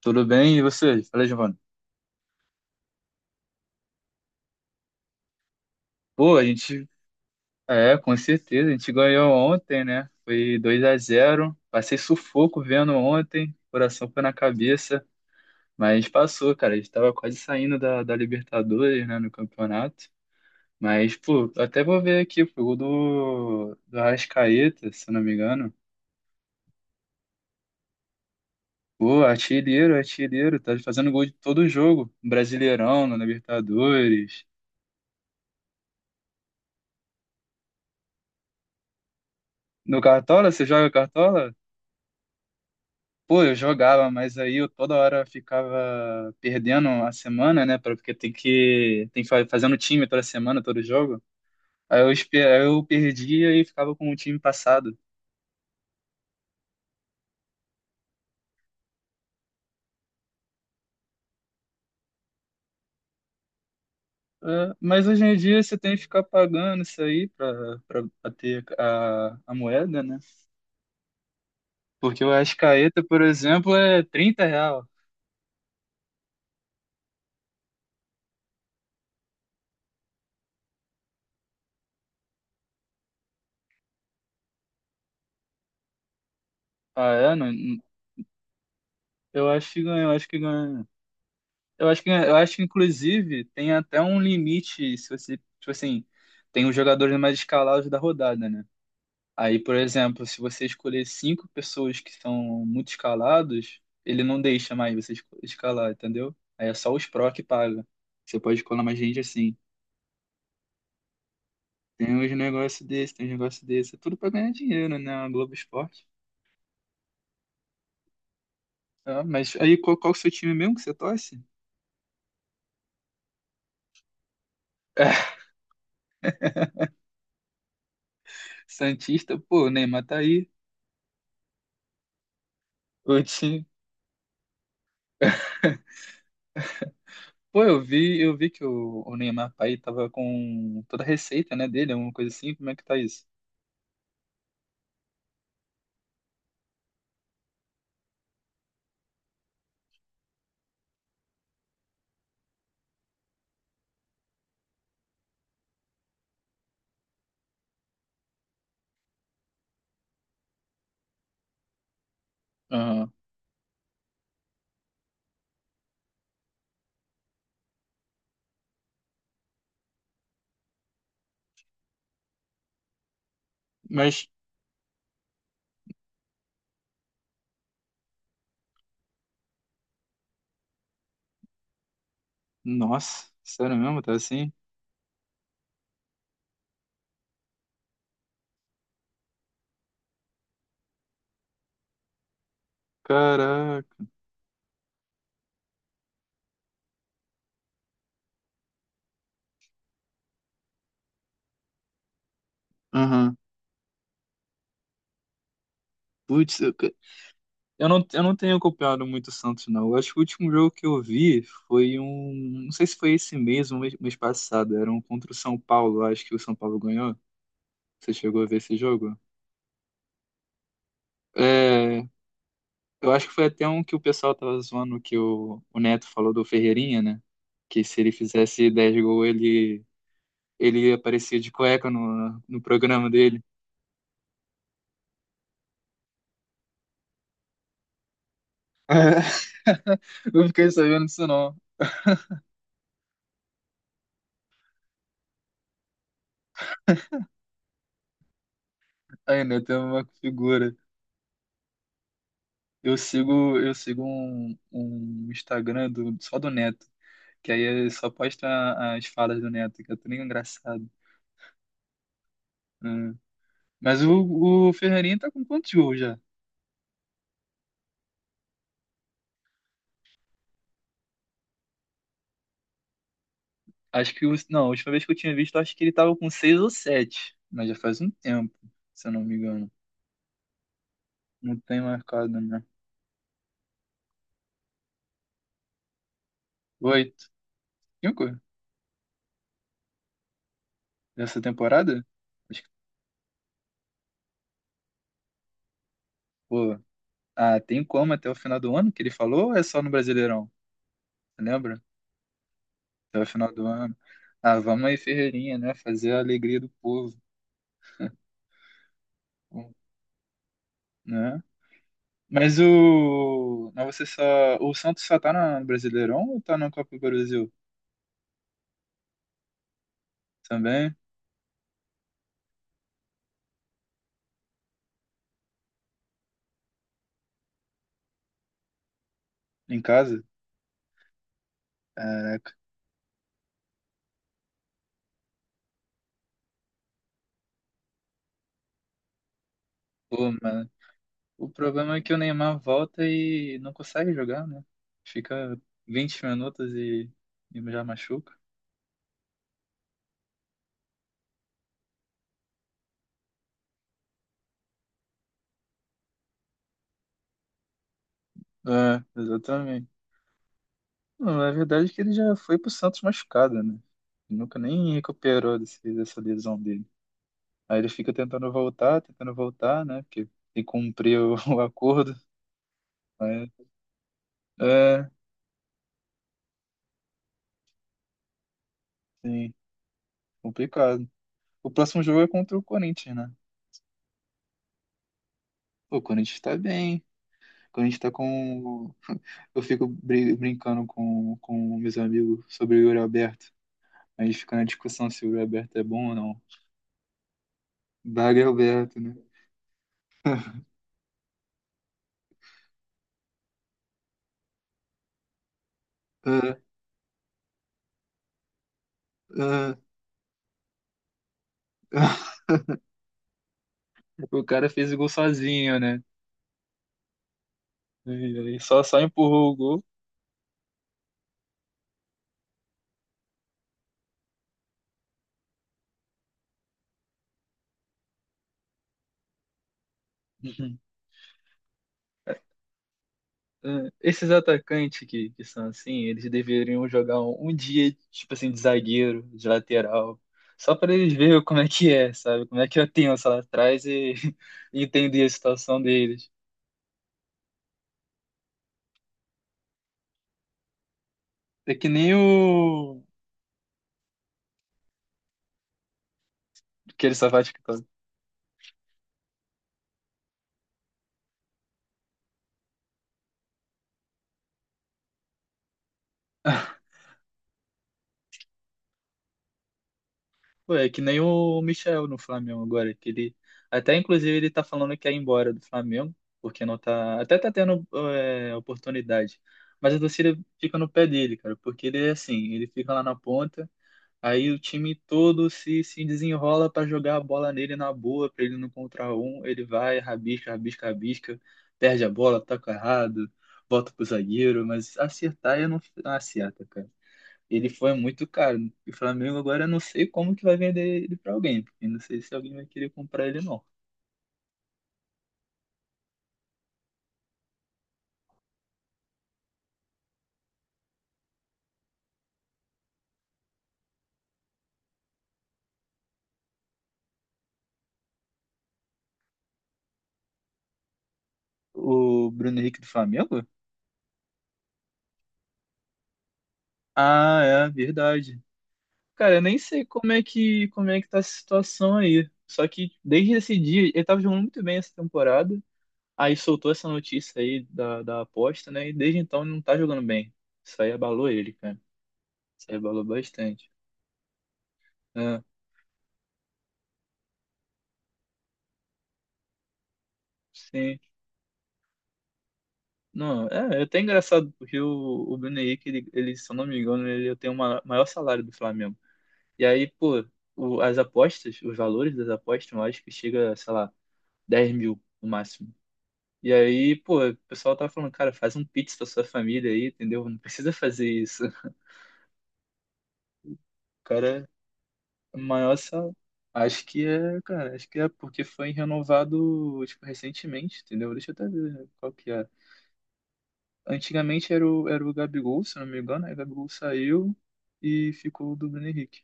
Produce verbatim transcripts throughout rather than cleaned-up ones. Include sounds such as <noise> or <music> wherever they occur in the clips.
Tudo bem? E você? Fala, Giovanni. Pô, a gente. É, com certeza. A gente ganhou ontem, né? Foi dois a zero. Passei sufoco vendo ontem. Coração foi na cabeça. Mas passou, cara. A gente tava quase saindo da, da, Libertadores, né? No campeonato. Mas, pô, eu até vou ver aqui. Pô, o gol do, do Arrascaeta, se eu não me engano. Pô, artilheiro, artilheiro. Tá fazendo gol de todo jogo. Brasileirão, na Libertadores. No Cartola? Você joga Cartola? Pô, eu jogava, mas aí eu toda hora ficava perdendo a semana, né? pra- Porque tem que, tem que fa- fazendo time toda semana, todo jogo. Aí eu, espe- aí eu perdia e ficava com o time passado. É, mas hoje em dia você tem que ficar pagando isso aí pra, pra, pra, ter a, a moeda, né? Porque o Ascaeta, por exemplo, é trinta real. Ah, é? Não, eu acho que ganhou, eu acho que ganha. Eu acho que, eu acho que inclusive, tem até um limite, se você, tipo assim, tem os jogadores mais escalados da rodada, né? Aí, por exemplo, se você escolher cinco pessoas que são muito escalados, ele não deixa mais você esco- escalar, entendeu? Aí é só os pró que paga. Você pode escolar mais gente assim. Tem uns negócios desse, tem uns negócios desse. É tudo pra ganhar dinheiro, né? A Globo Esporte. Ah, mas aí, qual, qual, o seu time mesmo que você torce? <laughs> Santista, pô, o Neymar tá aí. O time. <laughs> Pô, eu vi, eu vi que o, o Neymar pai tava com toda a receita, né, dele, alguma coisa assim, como é que tá isso? Aham. Mas, nossa, sério mesmo, tá assim? Caraca. Aham. Putz, eu, eu não, eu não tenho acompanhado muito o Santos, não. Eu acho que o último jogo que eu vi foi um, não sei se foi esse mês ou mês, mês passado, era um contra o São Paulo, eu acho que o São Paulo ganhou. Você chegou a ver esse jogo? É, eu acho que foi até um que o pessoal tava zoando que o, o, Neto falou do Ferreirinha, né? Que se ele fizesse dez gols, ele, ele, aparecia de cueca no, no programa dele. <laughs> Eu fiquei sabendo disso não. Aí, Neto é uma figura. Eu sigo, eu sigo um, um Instagram do, só do Neto, que aí ele só posta as falas do Neto, que é tudo engraçado, né? Mas o, o Ferreirinha tá com quantos gols já? Acho que, o- não, a última vez que eu tinha visto, acho que ele tava com seis ou sete, mas já faz um tempo, se eu não me engano. Não tem marcado, né? Oito, cinco dessa temporada? Acho que, pô, ah, tem como até o final do ano que ele falou ou é só no Brasileirão? Você lembra? Até o final do ano. Ah, vamos aí, Ferreirinha, né? Fazer a alegria do povo, pô, né? Mas o. Mas você só. O Santos só tá na- no Brasileirão ou tá na Copa do Brasil? Também? Em casa? Caraca. Pô, mas o problema é que o Neymar volta e não consegue jogar, né? Fica vinte minutos e, e já machuca. É, exatamente. Não, a verdade é que ele já foi pro Santos machucado, né? Ele nunca nem recuperou desse, dessa lesão dele. Aí ele fica tentando voltar, tentando voltar, né? Porque tem que cumprir o, <laughs> o acordo. Mas, é, sim, complicado. O próximo jogo é contra o Corinthians, né? Pô, o Corinthians tá bem. O Corinthians tá com eu fico brin- brincando com, com, meus amigos sobre o Yuri Alberto. A gente fica na discussão se o Yuri Alberto é bom ou não. Bagre Alberto, né? Ah, ah, <laughs> o cara fez o gol sozinho, né? E e só, só empurrou o gol. <laughs> Uhum. Ah, esses atacantes que, que, são assim, eles deveriam jogar um, um dia, tipo assim, de zagueiro, de lateral, só para eles verem como é que é, sabe? Como é que eu tenho lá atrás e <laughs> e entender a situação deles. É que nem o aquele Savate que tá. Pô, é que nem o Michel no Flamengo agora, que ele até inclusive ele tá falando que ia embora do Flamengo, porque não tá, até tá tendo é, oportunidade, mas a torcida fica no pé dele, cara, porque ele é assim, ele fica lá na ponta, aí o time todo se, se desenrola pra jogar a bola nele na boa, pra ele não contra um, ele vai, rabisca, rabisca, rabisca, perde a bola, toca errado, volta pro zagueiro, mas acertar ele não acerta, cara. Ele foi muito caro. E o Flamengo agora eu não sei como que vai vender ele pra alguém, porque não sei se alguém vai querer comprar ele não. O Bruno Henrique do Flamengo? Ah, é verdade. Cara, eu nem sei como é que como é que tá a situação aí. Só que desde esse dia, ele tava jogando muito bem essa temporada. Aí soltou essa notícia aí da, da, aposta, né? E desde então ele não tá jogando bem. Isso aí abalou ele, cara. Isso aí abalou bastante. É, sim. Não, é, é até engraçado, porque o, o, Bruno Henrique, ele, ele, se eu não me engano, ele tem o ma- maior salário do Flamengo. E aí, pô, o- as apostas, os valores das apostas, eu acho que chega, sei lá, dez mil no máximo. E aí, pô, o pessoal tá falando, cara, faz um pix pra sua família aí, entendeu? Não precisa <laughs> fazer isso. O cara, é o maior salário. Acho que é, cara, acho que é porque foi renovado, tipo, recentemente, entendeu? Deixa eu até ver qual que é. Antigamente era o, era o, Gabigol, se não me engano, aí o Gabigol saiu e ficou o do Bruno Henrique.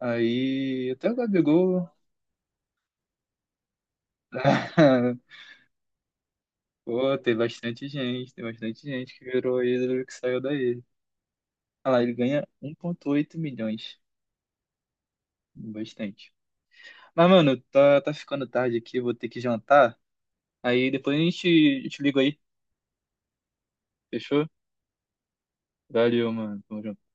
Aí até o Gabigol. <laughs> Pô, tem bastante gente, tem bastante gente que virou ídolo que saiu daí. Olha lá, ele ganha um ponto oito milhões. Bastante. Mas, mano, tá, tá ficando tarde aqui, vou ter que jantar. Aí depois a gente, eu te ligo aí, fechou? Valeu, mano. Tamo junto.